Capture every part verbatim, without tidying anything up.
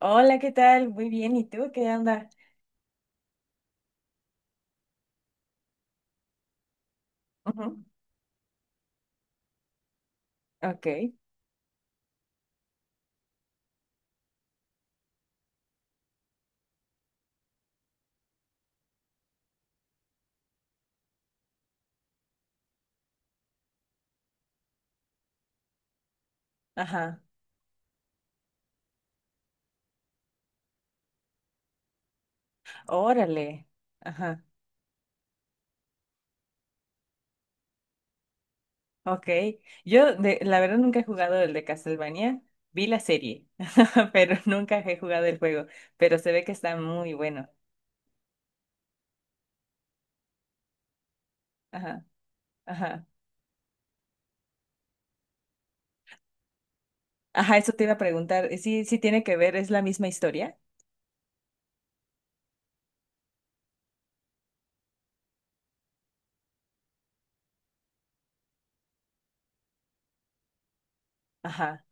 Hola, ¿qué tal? Muy bien, ¿y tú qué onda? Ujú. Ok, ajá, órale, ajá, ok. Yo, de, la verdad, nunca he jugado el de Castlevania. Vi la serie, pero nunca he jugado el juego, pero se ve que está muy bueno. Ajá, ajá, ajá, eso te iba a preguntar. Sí, sí tiene que ver, es la misma historia. Ajá,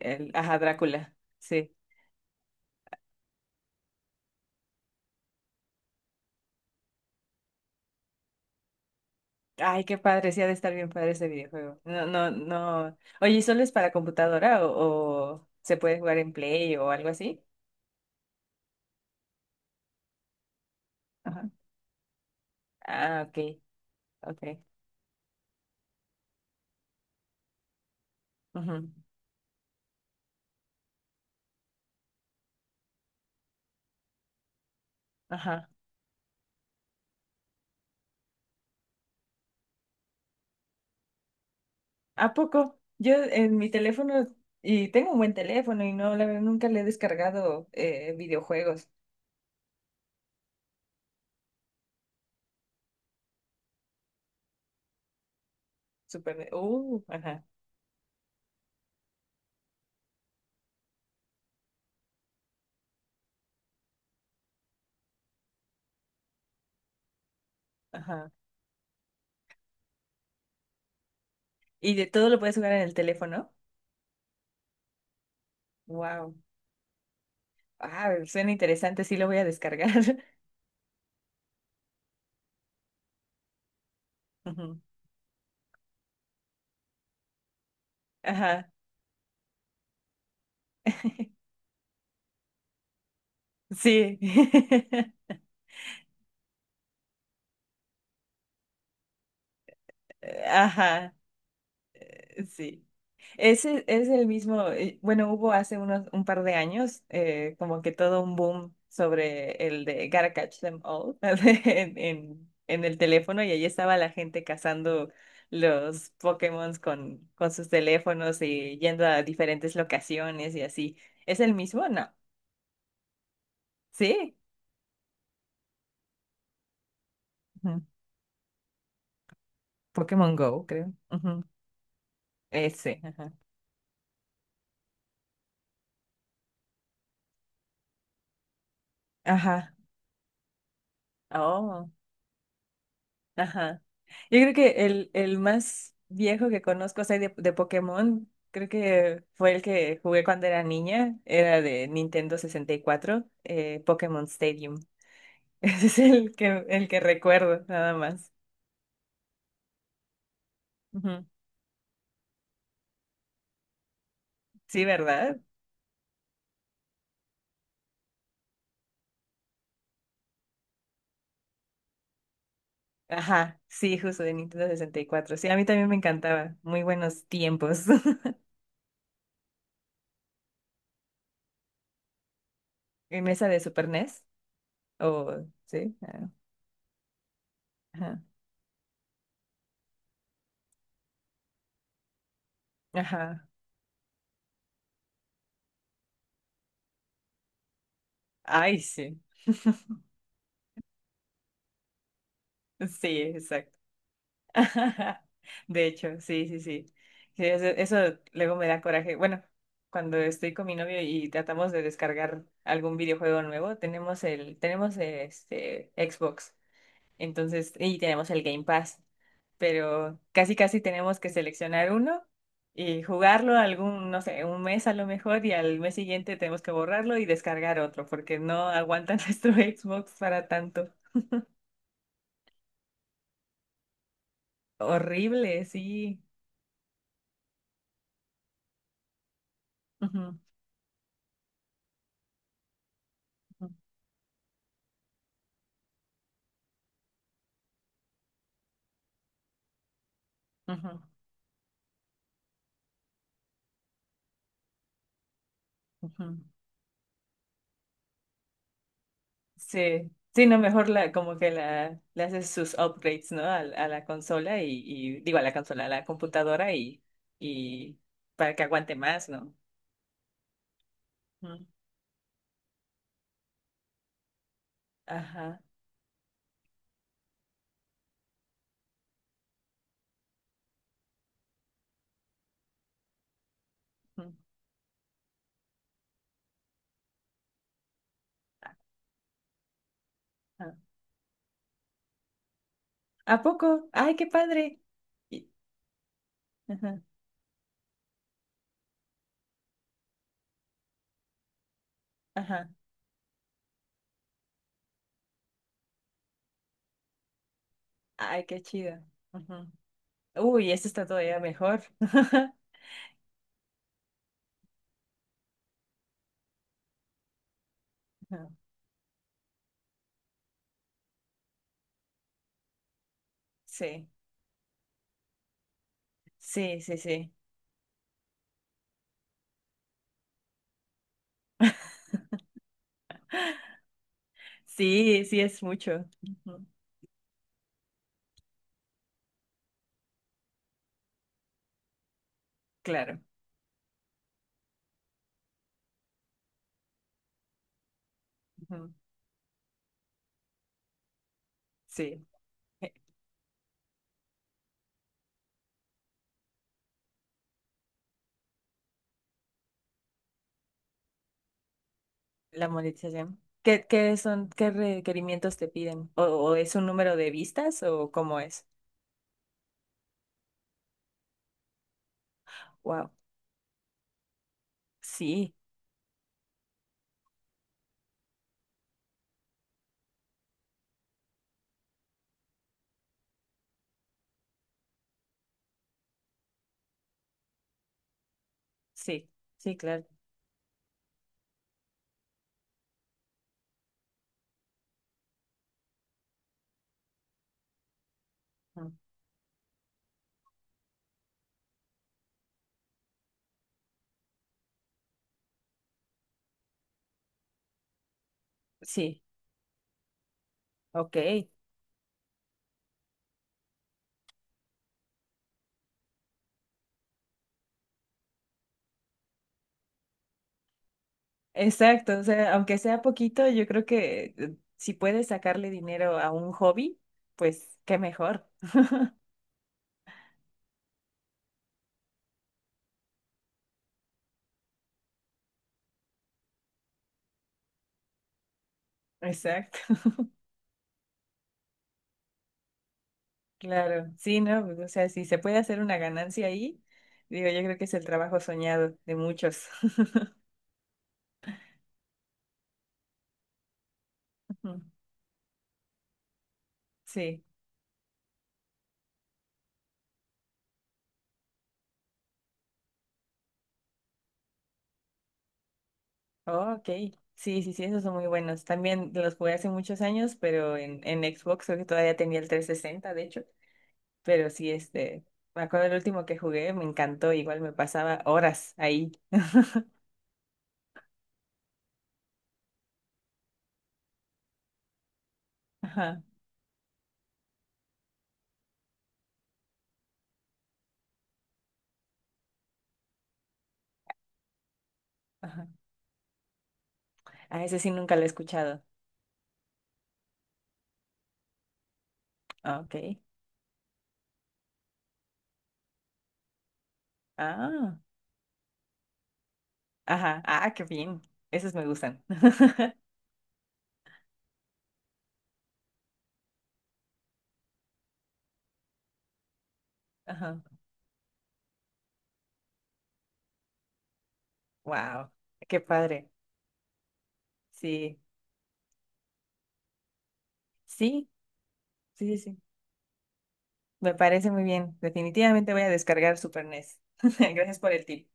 el, ajá, Drácula, sí. Ay, qué padre, sí ha de estar bien padre ese videojuego. No, no, no. Oye, ¿y solo es para computadora o, o se puede jugar en Play o algo así? Ajá. Ah, ok, ok. Ujú, ajá. ¿A poco? Yo en mi teléfono, y tengo un buen teléfono y no, la verdad, nunca le he descargado eh, videojuegos. Super. Uh, ajá, ajá. ¿Y de todo lo puedes jugar en el teléfono? Wow. Ah, suena interesante, sí lo voy a descargar. Ujú, ajá. Sí. Eh, Ajá, sí. Ese es el mismo, eh, bueno, hubo hace unos un par de años eh, como que todo un boom sobre el de Gotta Catch Them All en, en, en el teléfono y ahí estaba la gente cazando los Pokémon con, con sus teléfonos y yendo a diferentes locaciones y así. ¿Es el mismo? No. ¿Sí? Ujú. Pokémon Go, creo. Ujú. Ese. Ajá. Ajá. Oh. Ajá. Yo creo que el, el más viejo que conozco, o sea, de, de Pokémon, creo que fue el que jugué cuando era niña, era de Nintendo sesenta y cuatro, eh, Pokémon Stadium. Ese es el que, el que recuerdo, nada más. Ujú. Sí, ¿verdad? Ajá, sí, justo de Nintendo sesenta y cuatro. Sí, a mí también me encantaba. Muy buenos tiempos. ¿En mesa de Super N E S? ¿O sí? Ah, ajá. Ajá. Ay, sí. Sí, de hecho, sí, sí, sí. Sí, eso, eso luego me da coraje. Bueno, cuando estoy con mi novio y tratamos de descargar algún videojuego nuevo, tenemos el, tenemos este Xbox, entonces, y tenemos el Game Pass, pero casi casi tenemos que seleccionar uno y jugarlo algún, no sé, un mes a lo mejor, y al mes siguiente tenemos que borrarlo y descargar otro, porque no aguanta nuestro Xbox para tanto. Horrible, sí. Ujú, ujú, ujú. Ujú. Sí, sí, no, mejor la, como que la, le haces sus upgrades, ¿no? A, a la consola y, y- digo, a la consola, a la computadora y, y para que aguante más, ¿no? Ujú. Ajá. Ujú. Ajá. ¿A poco? ¡Ay, qué padre! Y- ajá, ajá. ¡Ay, qué chido! Ujú. Uy, esto está todavía mejor. Ajá. Sí, sí, sí, sí. Sí, sí, es mucho. Ujú. Claro. Ujú. Sí. La monetización. ¿Qué, qué son, qué requerimientos te piden? ¿O, o es un número de vistas o cómo es? Wow. Sí, sí, sí, claro. Mm. Sí, ok. Exacto. O sea, aunque sea poquito, yo creo que eh, si puedes sacarle dinero a un hobby, pues qué mejor. Exacto. Claro. Sí, ¿no? Pues, o sea, si se puede hacer una ganancia ahí, digo, yo creo que es el trabajo soñado de muchos. Ujú. Sí. Oh, ok, sí, sí, sí, esos son muy buenos. También los jugué hace muchos años, pero en, en Xbox creo que todavía tenía el trescientos sesenta, de hecho. Pero sí, este, me acuerdo el último que jugué, me encantó, igual me pasaba horas ahí. Ajá, ajá. Ah, ese sí nunca lo he escuchado. Ah, ok. Ah, ajá, ah, qué bien. Esos me gustan. Ajá. Wow, qué padre. Sí, sí, sí, sí, sí. Me parece muy bien. Definitivamente voy a descargar Super N E S. Gracias por el tip.